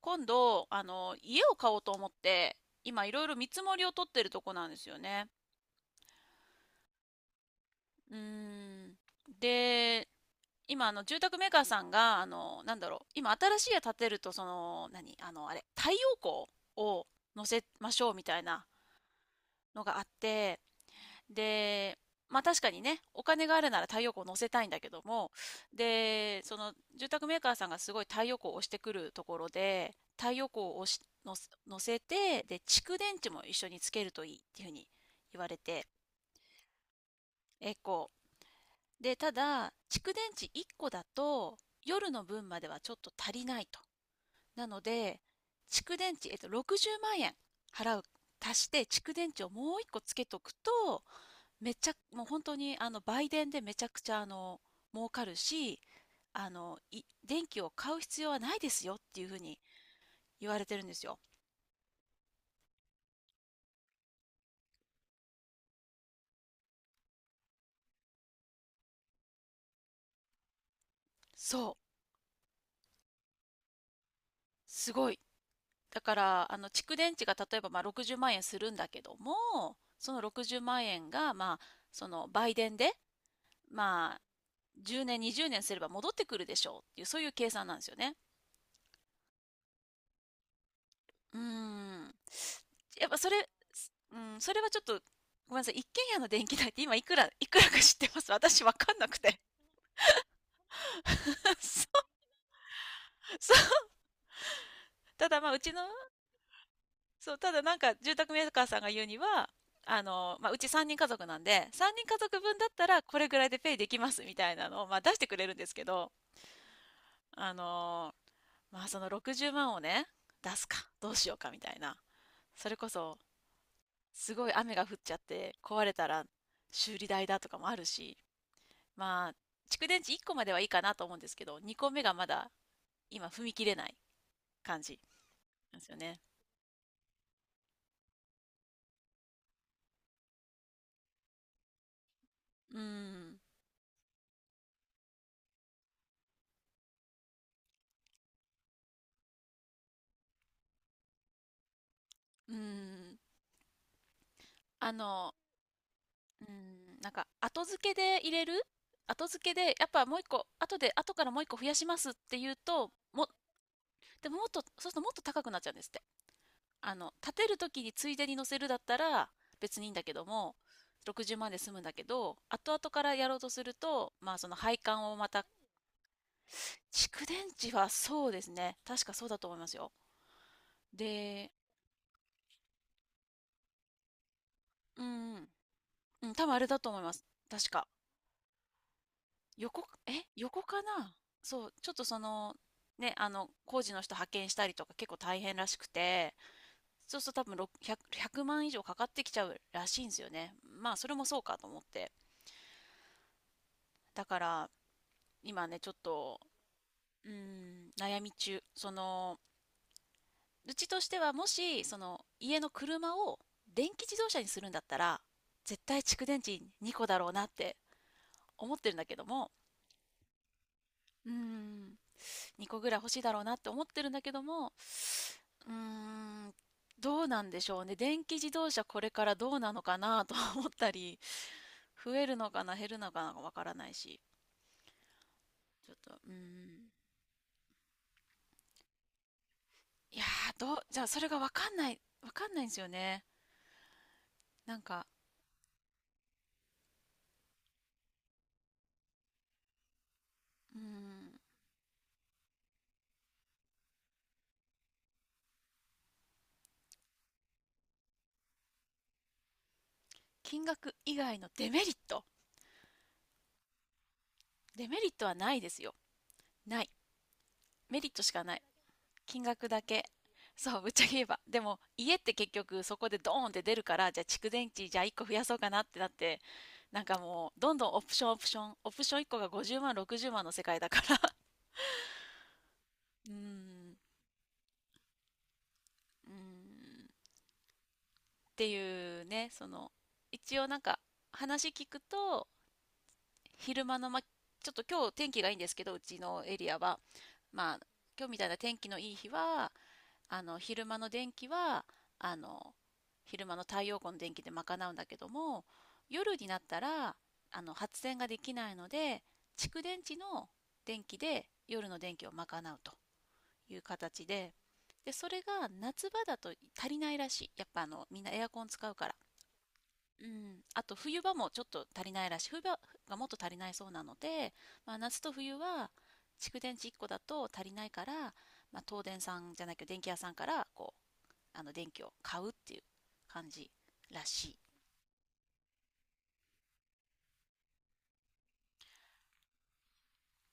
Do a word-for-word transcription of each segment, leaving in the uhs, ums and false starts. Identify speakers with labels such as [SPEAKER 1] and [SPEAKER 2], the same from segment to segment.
[SPEAKER 1] 今度、あの、家を買おうと思って、今いろいろ見積もりを取ってるとこなんですよね。うーん。で、今、あの、住宅メーカーさんが、あの、なんだろう、今新しい家建てると、その、何、あの、あれ、太陽光を乗せましょうみたいなのがあって、で、まあ確かにね、お金があるなら太陽光を乗せたいんだけども、で、その住宅メーカーさんがすごい太陽光を押してくるところで、太陽光を押しのせ乗せて、で、蓄電池も一緒につけるといいっていうふうに言われて、えこう。で、ただ、蓄電池いっこだと、夜の分まではちょっと足りないと。なので、蓄電池、えっと、ろくじゅうまん円払う、足して蓄電池をもういっこつけとくと、めっちゃ、もう本当に、あの、売電でめちゃくちゃ、あの、儲かるし、あの、い、電気を買う必要はないですよっていうふうに言われてるんですよ。そう。すごい。だから、あの、蓄電池が例えば、まあ、ろくじゅうまん円するんだけども、そのろくじゅうまん円が、まあ、その、売電で、まあ、じゅうねん、にじゅうねんすれば戻ってくるでしょうっていう、そういう計算なんですよね。うーん。やっぱそれ、うん、それはちょっと、ごめんなさい。一軒家の電気代って今いくら、いくらか知ってます、私わかんなくて。そう、そう。ただまあ、うちの、そう、ただなんか住宅メーカーさんが言うには、あの、まあ、うちさんにん家族なんで、さんにん家族分だったらこれぐらいでペイできますみたいなのを、まあ、出してくれるんですけど、あのまあ、そのろくじゅうまんをね、出すか、どうしようかみたいな。それこそ、すごい雨が降っちゃって壊れたら修理代だとかもあるし、まあ、蓄電池いっこまではいいかなと思うんですけど、にこめがまだ今踏み切れない感じなんですよね。うーん。うーん。あの、うーん、なんか後付けで入れる後付けで、やっぱもういっこ、後で、後からもういっこ増やしますって言うと、も、でももっと、そうするともっと高くなっちゃうんですって。あの、建てる時についでに乗せるだったら別にいいんだけども、ろくじゅうまんで済むんだけど、後々からやろうとすると、まあその配管をまた蓄電池はそうですね。確かそうだと思いますよ。で、うん、うん、多分あれだと思います。確か。横、え横かな。そう、ちょっとその、ね、あの、工事の人派遣したりとか結構大変らしくて、そうすると多分ろっぴゃくひゃく、ひゃくまん以上かかってきちゃうらしいんですよね。まあ、それもそうかと思って。だから、今ね、ちょっと、うーん、悩み中。その、うちとしてはもしその家の車を電気自動車にするんだったら絶対蓄電池にこだろうなって思ってるんだけども、うーんにこぐらい欲しいだろうなって思ってるんだけども、うーんどうなんでしょうね、電気自動車これからどうなのかなと思ったり、増えるのかな減るのかなわからないし、ちょっとうーんいやーどうじゃあそれがわかんないわかんないんですよね。なんかうーん金額以外のデメリット。デメリットはないですよ。ない。メリットしかない。金額だけ。そう、ぶっちゃけ言えば。でも、家って結局そこでドーンって出るから、じゃあ蓄電池、じゃあいっこ増やそうかなってなって、なんかもう、どんどんオプションオプション、オプションいっこがごじゅうまん、ろくじゅうまんの世界だから うーん、うーん、っていうね、その、一応なんか、話聞くと、昼間の、ま、ちょっと今日天気がいいんですけど、うちのエリアは、まあ、今日みたいな天気のいい日は、あの、昼間の電気は、あの、昼間の太陽光の電気で賄うんだけども、夜になったら、あの、発電ができないので、蓄電池の電気で夜の電気を賄うという形で、で、それが夏場だと足りないらしい。やっぱあの、みんなエアコン使うから。うん。あと冬場もちょっと足りないらしい。冬場がもっと足りないそうなので、まあ夏と冬は蓄電池いっこだと足りないから、まあ東電さんじゃなきゃ電気屋さんからこうあの電気を買うっていう感じらしい。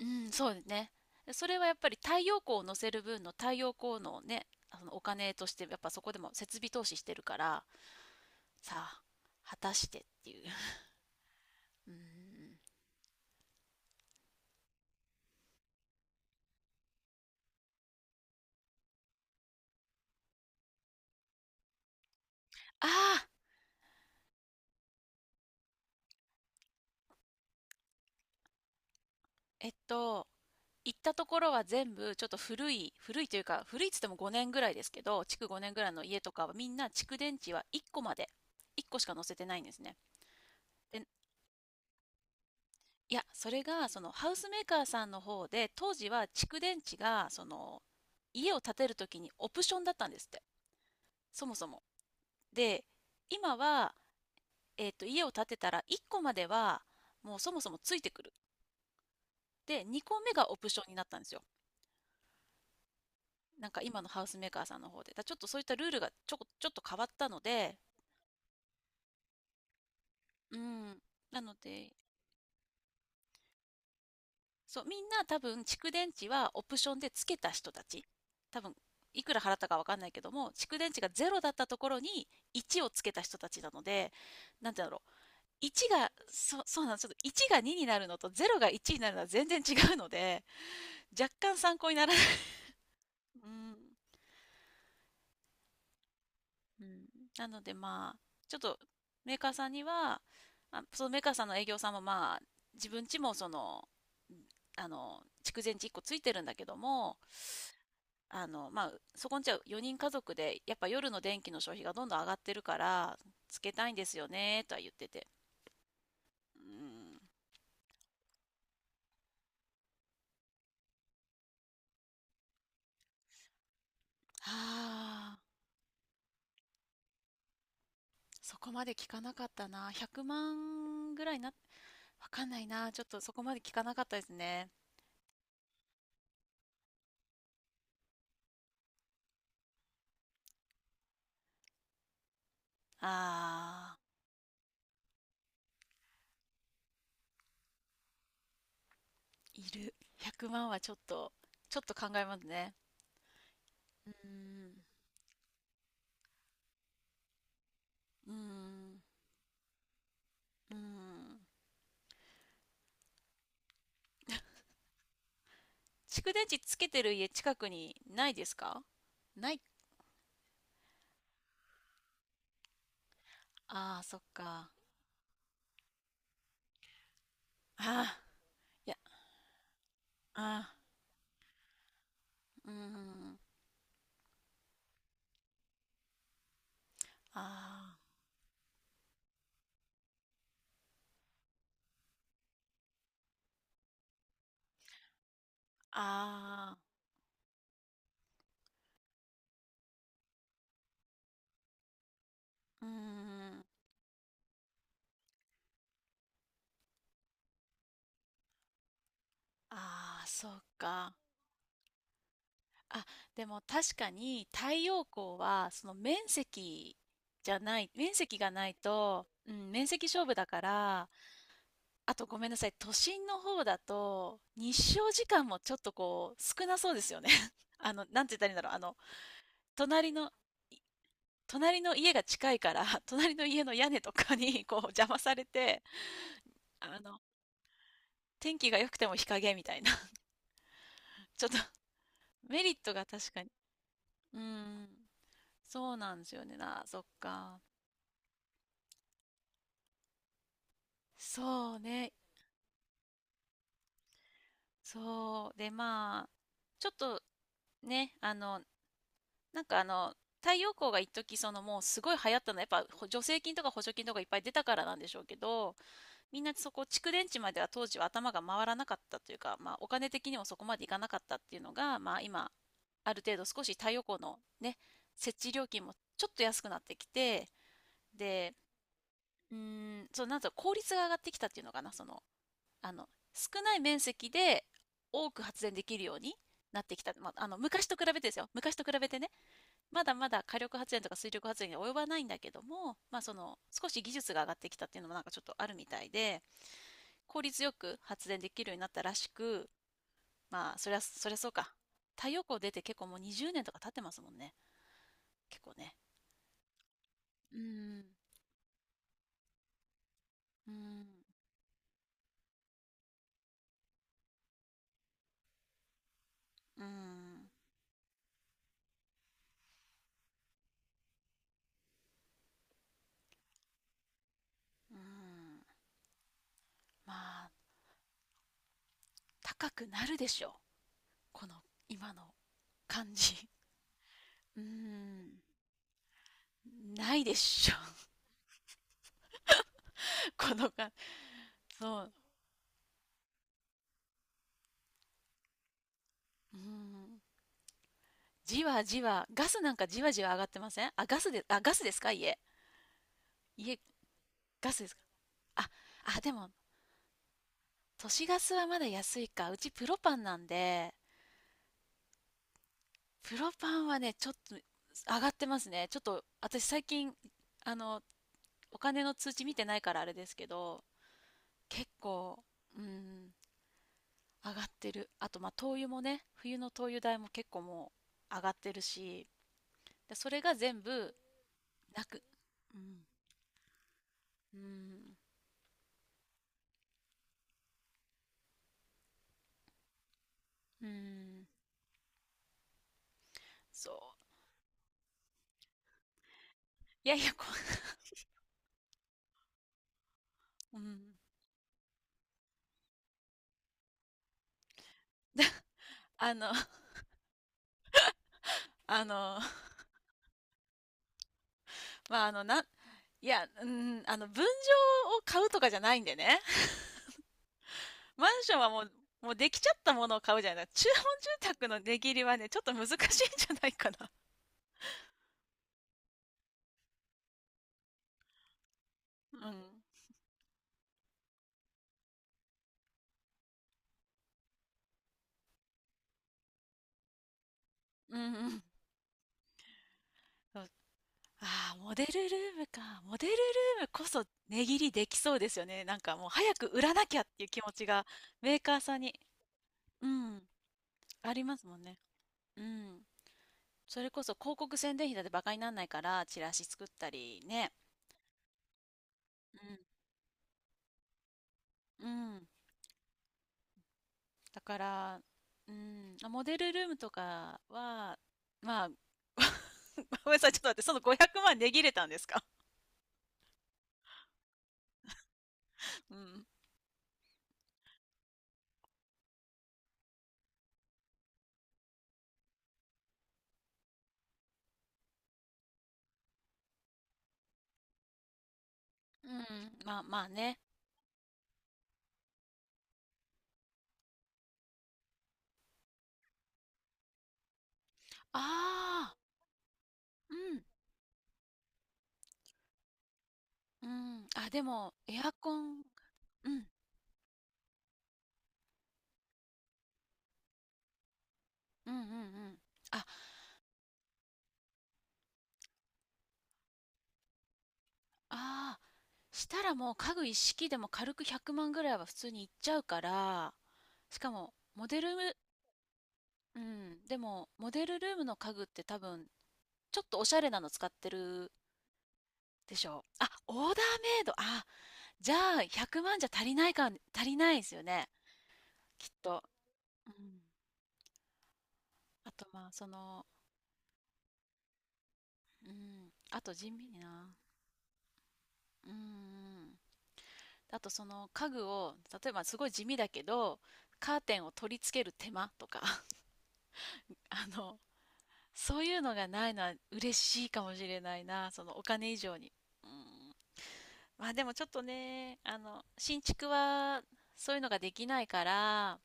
[SPEAKER 1] うん、そうですね。それはやっぱり太陽光を乗せる分の太陽光のね、あのお金としてやっぱそこでも設備投資してるから、さあ、果たしてっていう。うん。ああ、えっと、行ったところは全部ちょっと古い、古いというか、古いっつってもごねんぐらいですけど、築ごねんぐらいの家とかはみんな蓄電池はいっこまで、いっこしか載せてないんですね。で、いや、それが、その、ハウスメーカーさんの方で、当時は蓄電池が、その、家を建てるときにオプションだったんですって。そもそも。で、今は、えっと、家を建てたらいっこまでは、もうそもそもついてくる。で、にこめがオプションになったんですよ。なんか今のハウスメーカーさんの方で。だからちょっとそういったルールがちょこ、ちょっと変わったので、うん。なので、そう、みんな多分蓄電池はオプションでつけた人たち。多分、いくら払ったかわかんないけども、蓄電池がゼロだったところにいちをつけた人たちなので、なんて言うんだろう。いちが、そ、そうなんですよ。いちょっとがにになるのとゼロがいちになるのは全然違うので、若干参考にならない。うん。うん。なのでまあ、ちょっとメーカーさんには、あ、そのメーカーさんの営業さんもまあ、自分ちもその、あの、蓄電池いっこついてるんだけども、あの、まあ、そこんちはよにん家族で、やっぱ夜の電気の消費がどんどん上がってるから、つけたいんですよね、とは言ってて。うん。はあ、そこまで聞かなかったな。ひゃくまんぐらいな、わかんないな。ちょっとそこまで聞かなかったですね。ああ、いる。ひゃくまんはちょっと、ちょっと考えますね。うーん。うーん。うーん。蓄電池つけてる家近くにないですか？ない。ああ、そっか。ああ、いや、ああ。うーん。ああ。ああ。うーん。ああ、そうか。あ、でも確かに太陽光はその面積じゃない、面積がないと、うん、面積勝負だから、あとごめんなさい、都心の方だと日照時間もちょっとこう少なそうですよね。あの、なんて言ったらいいんだろう。あの、隣の、い隣の家が近いから、隣の家の屋根とかにこう邪魔されて、あの、天気が良くても日陰みたいな。ちょっと メリットが確かに。うん。そうなんですよね。なそっか。そうね。そう。で、まあ、ちょっとね、あの、なんかあの、太陽光が一時そのもうすごい流行ったのはやっぱほ助成金とか補助金とかいっぱい出たからなんでしょうけど、みんなそこ蓄電池までは当時は頭が回らなかったというか、まあ、お金的にもそこまでいかなかったっていうのが、まあ、今ある程度少し太陽光のね設置料金もちょっと安くなってきて、で、うーん、そう、なんぞ効率が上がってきたっていうのかな、その、あの、少ない面積で多く発電できるようになってきた。まあ、あの、昔と比べてですよ。昔と比べてね、まだまだ火力発電とか水力発電には及ばないんだけども、まあ、その、少し技術が上がってきたっていうのもなんかちょっとあるみたいで、効率よく発電できるようになったらしく、まあ、そりゃ、そりゃそうか。太陽光出て結構もうにじゅうねんとか経ってますもんね。結構ね。うーん、うーん、うーん、うーん。まあ、高くなるでしょう。この今の感じ。うーん、ないでしょ。この感じ、そう。うーん。じわじわ、ガスなんかじわじわ上がってません？あ、ガスで、あ、ガスですか、家。家、ガスですか、あ、あ、でも、都市ガスはまだ安いか。うちプロパンなんで、プロパンはね、ちょっと上がってますね。ちょっと、私最近、あの、お金の通知見てないからあれですけど、結構、うーん、上がってる。あと、まあ、灯油もね、冬の灯油代も結構もう上がってるし、で、それが全部なく。うん。うん。うん。そう。いやいや、こう、うん。あの、あの、まあ、あの、なん、いや、うん、あの、分譲を買うとかじゃないんでね。マンションはもう、もうできちゃったものを買うじゃない。中本住宅の値切りはね、ちょっと難しいんじゃないかな。うん。うんうん。そう、ああ、モデルルームか。モデルルームこそ値切りできそうですよね。なんかもう早く売らなきゃっていう気持ちがメーカーさんに、うん、ありますもんね。うん。それこそ広告宣伝費だってバカにならないから、チラシ作ったりね。うん。うん。だから、うん。あ、モデルルームとかは、まあ、ごめんなさい、ちょっと待って、そのごひゃくまん値切れたんですか？うん。うん。まあまあね。ああ、うん。うん。あ、でも、エアコン、うん。うんうんうん、ああ、あ、したらもう家具一式でも軽くひゃくまんぐらいは普通にいっちゃうから、しかもモデルルうん、でもモデルルームの家具って多分ちょっとおしゃれなの使ってるでしょう、あ、オーダーメイド、あ、じゃあひゃくまんじゃ足りないか、足りないですよね、きっと、うん、あとまあそのうん、あと地味になうん、あと、その家具を、例えばすごい地味だけどカーテンを取り付ける手間とか、あの、そういうのがないのは嬉しいかもしれないな、そのお金以上に。うん。まあでもちょっとね、あの、新築はそういうのができないから、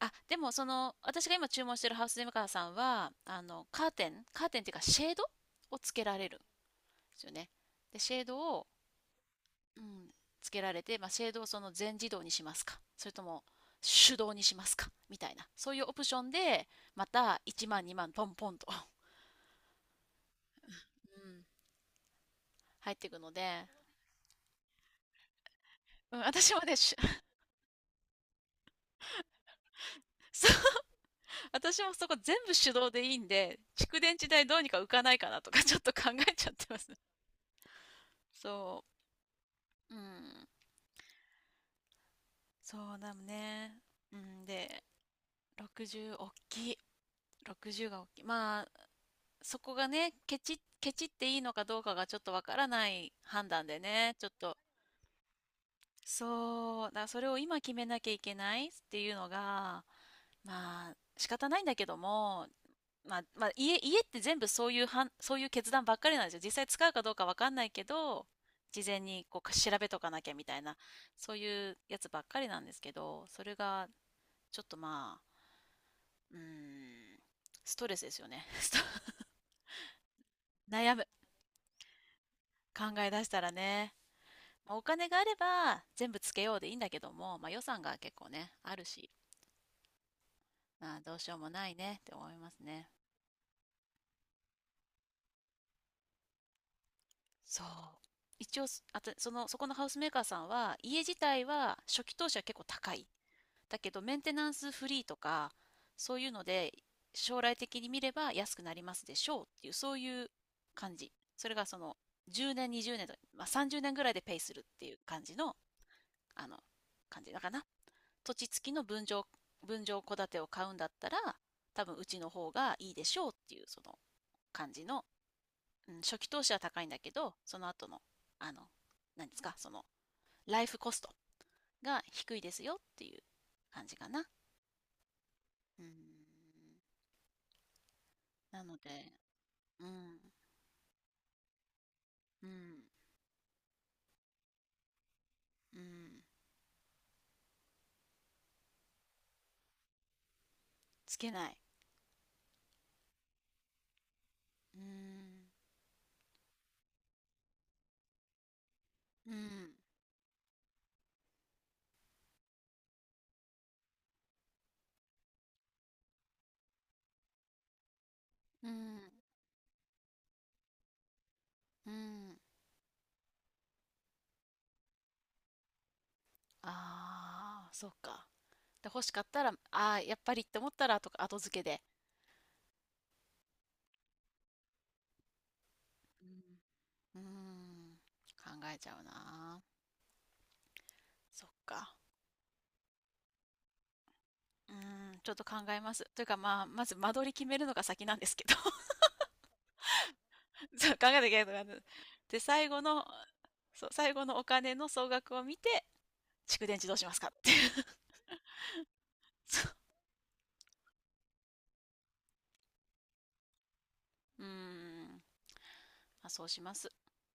[SPEAKER 1] あ、でもその、私が今注文してるハウスデメーカーさんは、あの、カーテン、カーテンっていうかシェードをつけられるんですよね。で、シェードを、うん、つけられて、まあ、シェードをその全自動にしますか、それとも手動にしますか、みたいな、そういうオプションで、またいちまん、にまん、ポンポンと、うん、入っていくので、うん、私もね、し そう、私もそこ全部手動でいいんで、蓄電池代どうにか浮かないかなとか ちょっと考えちゃってますね。そう、うん、そうだね。うん、で、ろくじゅう大きい。ろくじゅうが大きい。まあ、そこがね、ケチ、ケチっていいのかどうかがちょっとわからない判断でね、ちょっと。そう、だからそれを今決めなきゃいけないっていうのが、まあ、仕方ないんだけども、まあ、まあ、家、家って全部そういうはん、そういう決断ばっかりなんですよ。実際使うかどうかわかんないけど、事前にこう調べとかなきゃみたいな、そういうやつばっかりなんですけど、それがちょっとまあ、うーん、ストレスですよね。スト悩む。考え出したらね。まあお金があれば全部つけようでいいんだけども、まあ予算が結構ね、あるし、まあどうしようもないねって思いますね。そう。一応、あと、その、そこのハウスメーカーさんは、家自体は初期投資は結構高い。だけどメンテナンスフリーとかそういうので将来的に見れば安くなりますでしょうっていうそういう感じ、それがそのじゅうねんにじゅうねんと、まあ、さんじゅうねんぐらいでペイするっていう感じの、あの感じだかな、土地付きの分譲分譲戸建てを買うんだったら多分うちの方がいいでしょうっていうその感じの、うん、初期投資は高いんだけどその後の、あの何ですか、そのライフコストが低いですよっていう感じかな、うーん。なので、うん、うん、うん、つけない。うん、うん、うん、うん。ああ、そっか。で、欲しかったら、ああ、やっぱりって思ったら、とか、後付けで。うん、うん、考えちゃうな。そっか。うん、ちょっと考えます。というか、まあ、まず間取り決めるのが先なんですけど。そう、考えなきゃいけないのが、で、最後の、そう、最後のお金の総額を見て、蓄電池どうしますかっていう。そう。うーん。まあ、そうします。